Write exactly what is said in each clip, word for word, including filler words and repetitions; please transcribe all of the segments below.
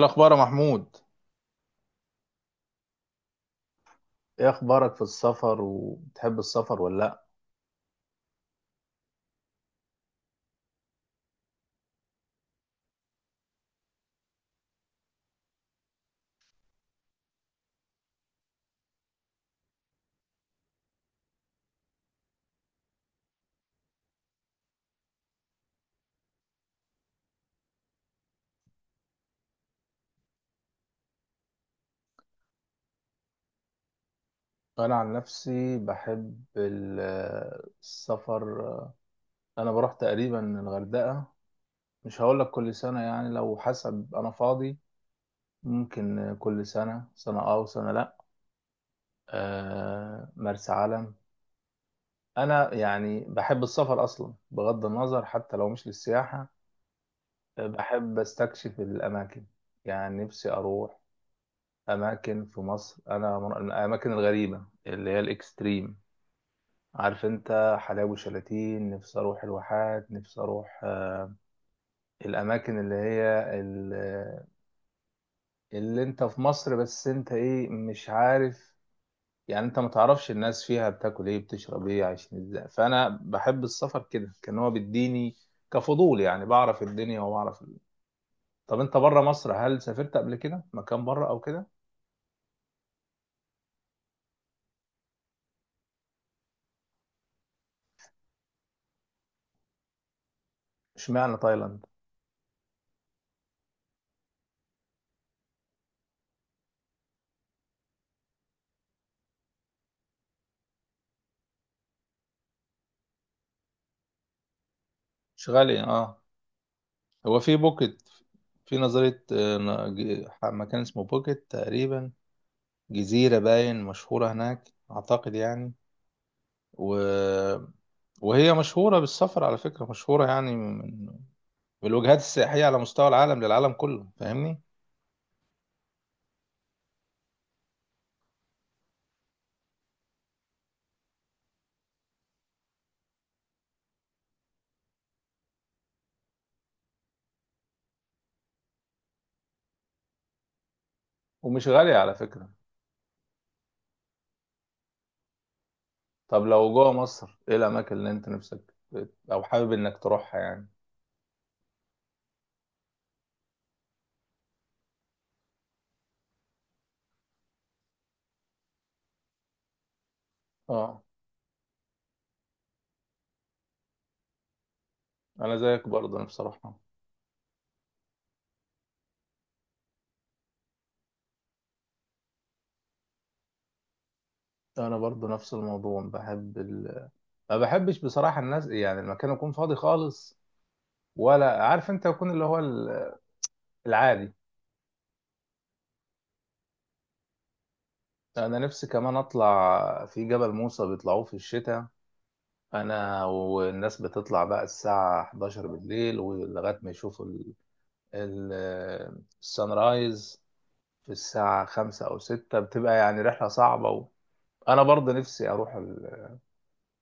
الأخبار يا محمود. ايه اخبارك في السفر؟ وبتحب السفر ولا لا؟ انا عن نفسي بحب ال- السفر. انا بروح تقريبا الغردقة، مش هقول لك كل سنة، يعني لو حسب انا فاضي، ممكن كل سنة سنة اه وسنة لا. آه مرسى علم. انا يعني بحب السفر اصلا بغض النظر حتى لو مش للسياحة. آه، بحب استكشف الاماكن. يعني نفسي اروح اماكن في مصر، انا من من الاماكن الغريبه اللي هي الاكستريم. عارف انت حلاوي وشلاتين؟ نفسي اروح الواحات، نفسي اروح آه، الاماكن اللي هي ال- اللي انت في مصر بس انت ايه مش عارف. يعني انت ما تعرفش الناس فيها بتاكل ايه، بتشرب ايه، عايشين ازاي. فانا بحب السفر كده، كان هو بيديني كفضول، يعني بعرف الدنيا وبعرف ال- طب انت بره مصر هل سافرت قبل كده مكان بره او كده؟ اشمعنى تايلاند؟ مش غالي اه. هو في بوكيت، في نظرية آه، ن- ج- مكان اسمه بوكيت تقريبا، جزيرة باين مشهورة هناك أعتقد يعني. و... وهي مشهورة بالسفر على فكرة، مشهورة يعني من بالوجهات السياحية على مستوى العالم، للعالم كله، فاهمني. ومش غالية على فكرة. طب لو جوه مصر، إيه الأماكن اللي أنت نفسك أو حابب إنك تروحها يعني؟ اه. أنا زيك برضه نفسي أروحها. أنا برضه نفس الموضوع، بحب ال... ما بحبش بصراحة الناس، يعني المكان يكون فاضي خالص ولا. عارف انت يكون اللي هو ال- العادي. انا نفسي كمان اطلع في جبل موسى، بيطلعوه في الشتاء. انا والناس بتطلع بقى الساعة الحادية عشرة بالليل ولغاية ما يشوفوا ال- ال- السان رايز في الساعة خمسة او ستة، بتبقى يعني رحلة صعبة و... انا برضه نفسي اروح ال...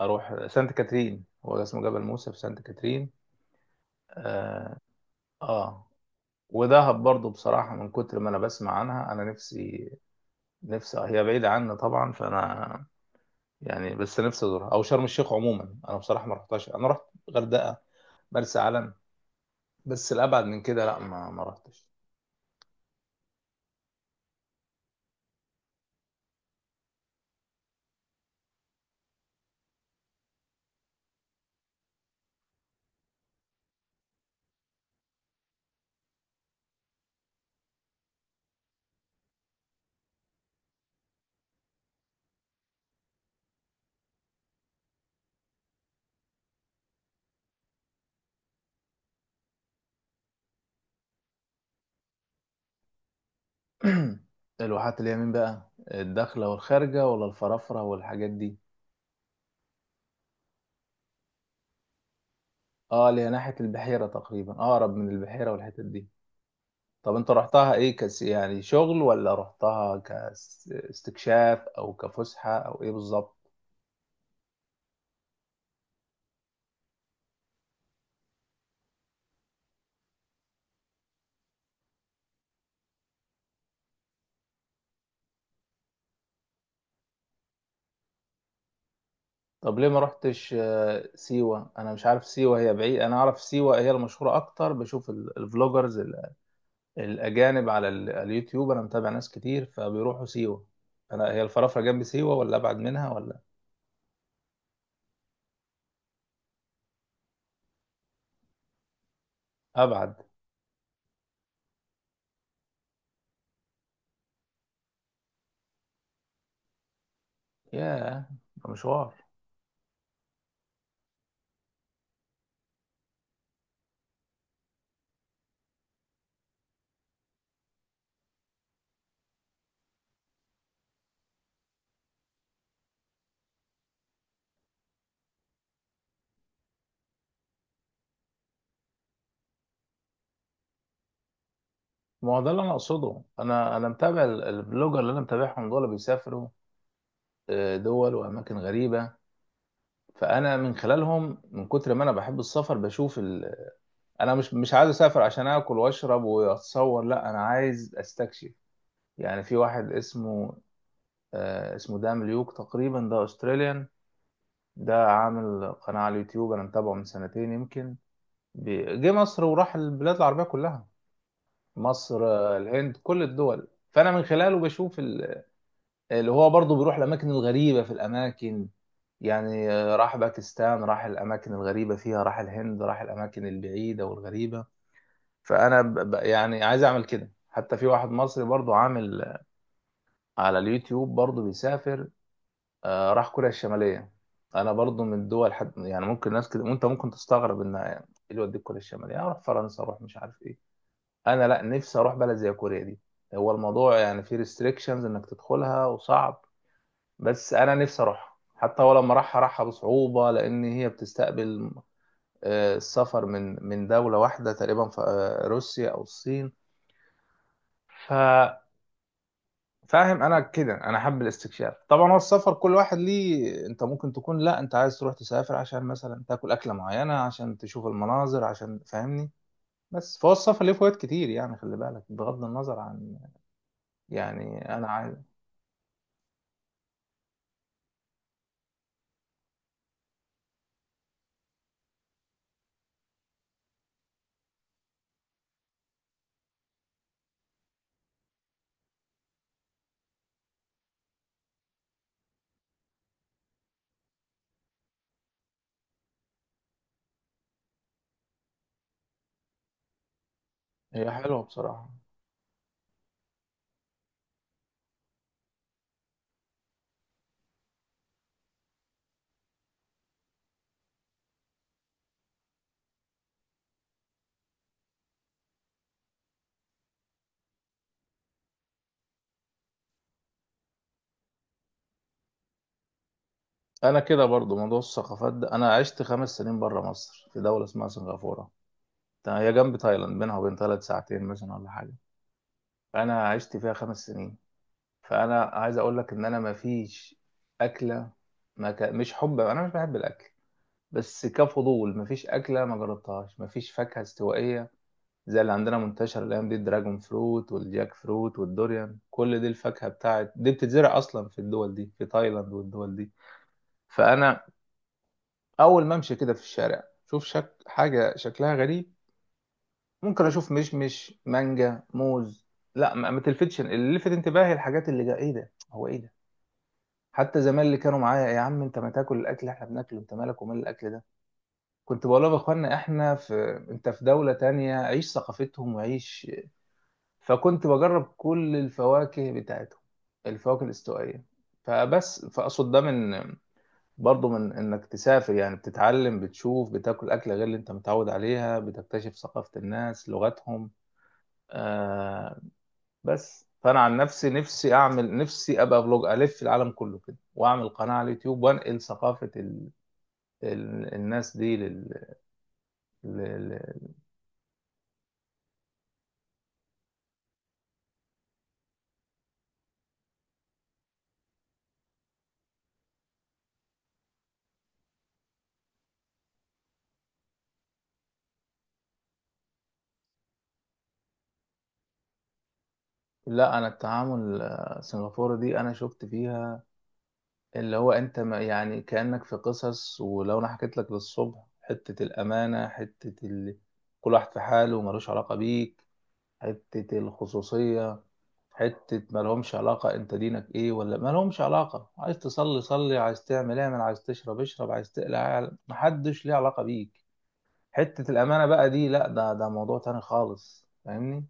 اروح سانت كاترين، هو اسمه جبل موسى في سانت كاترين. اه. آه. ودهب برضه بصراحة من كتر ما أنا بسمع عنها، أنا نفسي. نفسي هي بعيدة عني طبعا، فأنا يعني بس نفسي ازورها، او شرم الشيخ. عموما انا بصراحه ما رحتهاش، انا رحت غردقه، مرسى علم، بس الابعد من كده لا، ما ما رحتش. الواحات اللي هي مين بقى؟ الداخله والخارجه ولا الفرافره والحاجات دي؟ اه، اللي هي ناحيه البحيره تقريبا، اقرب من البحيره والحتت دي. طب انت رحتها ايه كس، يعني شغل ولا رحتها كاستكشاف او كفسحه، او ايه بالظبط؟ طب ليه ما رحتش آه، سيوه؟ انا مش عارف سيوه هي بعيد، انا اعرف سيوه هي المشهوره اكتر، بشوف ال- الفلوجرز الأجانب على ال- اليوتيوب. أنا متابع ناس كتير فبيروحوا سيوة. أنا هي الفرافرة جنب سيوة ولا أبعد منها ولا؟ أبعد. ياه، ده مشوار. ما هو ده اللي أنا أقصده، أنا أنا متابع ال- البلوجر اللي أنا متابعهم، دول بيسافروا آه، دول وأماكن غريبة. فأنا من خلالهم، من كتر ما أنا بحب السفر، بشوف ال... أنا مش مش عايز أسافر عشان آكل وأشرب وأتصور، لا، أنا عايز أستكشف. يعني في واحد اسمه آه، اسمه دام ليوك تقريبا، ده أستراليان. ده عامل قناة على اليوتيوب، أنا متابعه من سنتين يمكن. بي- جه مصر وراح البلاد العربية كلها، مصر، آه، الهند، كل الدول. فأنا من خلاله بشوف ال- اللي هو برضه بيروح الأماكن الغريبة في الأماكن، يعني آه، راح باكستان، راح الأماكن الغريبة فيها، راح الهند، راح الأماكن البعيدة والغريبة. فأنا ب... ب- يعني عايز أعمل كده. حتى في واحد مصري برضه عامل على اليوتيوب برضه بيسافر، آه، راح كوريا الشمالية. أنا برضو من الدول، حد يعني ممكن، ناس كده وأنت ممكن تستغرب إن إيه اللي يوديك كوريا الشمالية، أروح فرنسا، أروح مش عارف إيه. أنا لأ، نفسي أروح بلد زي كوريا دي. هو الموضوع يعني فيه ريستريكشنز إنك تدخلها وصعب، بس أنا نفسي أروحها. حتى هو لما راحها، راحها بصعوبة، لأن هي بتستقبل آه، السفر من من دولة واحدة تقريبا، في آه، روسيا أو الصين. فاهم، انا كده انا حابب الاستكشاف. طبعا هو السفر كل واحد ليه، انت ممكن تكون لا، انت عايز تروح تسافر عشان مثلا تاكل اكله معينه، عشان تشوف المناظر، عشان فاهمني. بس فهو السفر ليه فوائد كتير يعني، خلي بالك، بغض النظر عن، يعني انا عايز. هي حلوه بصراحه. انا كده برضو، موضوع الثقافات ده، انا عشت خمس سنين بره مصر في دوله اسمها سنغافوره. ده هي جنب تايلاند، بينها وبين تايلاند ساعتين مثلا ولا حاجه. فانا عشت فيها خمس سنين. فانا عايز اقول لك ان انا ما فيش اكله، ما ك... مش حب، انا مش بحب الاكل بس كفضول، ما فيش اكله ما جربتهاش، ما فيش فاكهه استوائيه زي اللي عندنا منتشر الايام دي، الدراجون فروت والجاك فروت والدوريان، كل دي الفاكهه بتاعت دي بتتزرع اصلا في الدول دي، في تايلاند والدول دي. فانا اول ما امشي كده في الشارع، شوف شك... حاجه شكلها غريب، ممكن اشوف مشمش مانجا موز لا، ما ما تلفتش. اللي لفت انتباهي الحاجات اللي جا، ايه ده، هو ايه ده؟ حتى زمان اللي كانوا معايا، يا عم انت ما تاكل الاكل اللي احنا بناكله، انت مالك ومال الاكل ده، كنت بقول لهم يا اخوانا احنا في، انت في دولة تانية عيش ثقافتهم وعيش. فكنت بجرب كل الفواكه بتاعتهم، الفواكه الاستوائية. فبس فاقصد ده من، برضه من انك تسافر، يعني بتتعلم، بتشوف، بتاكل اكله غير اللي انت متعود عليها، بتكتشف ثقافة الناس، لغتهم. آه بس فانا عن نفسي نفسي اعمل، نفسي ابقى فلوج الف العالم كله كده، واعمل قناه على اليوتيوب، وانقل ثقافه ال- الناس دي لل... لل... لا، انا التعامل السنغافوري دي انا شفت فيها اللي هو، انت ما يعني كأنك في قصص، ولو انا حكيت لك للصبح حتة الامانة، حتة ال... كل واحد في حاله وملوش علاقة بيك، حتة الخصوصية، حتة ما لهمش علاقة انت دينك ايه ولا، ما لهمش علاقة، عايز تصلي صلي، عايز تعمل اعمل، عايز تشرب اشرب، عايز تقلع اعلع. محدش ليه علاقة بيك. حتة الامانة بقى دي، لا، ده ده موضوع تاني خالص، فاهمني.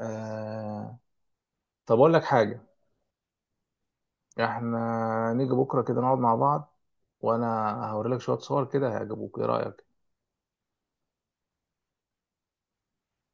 آه، طب اقول لك حاجه، احنا نيجي بكره كده نقعد مع بعض، وانا هوري لك شويه صور كده هيعجبوك، ايه رايك؟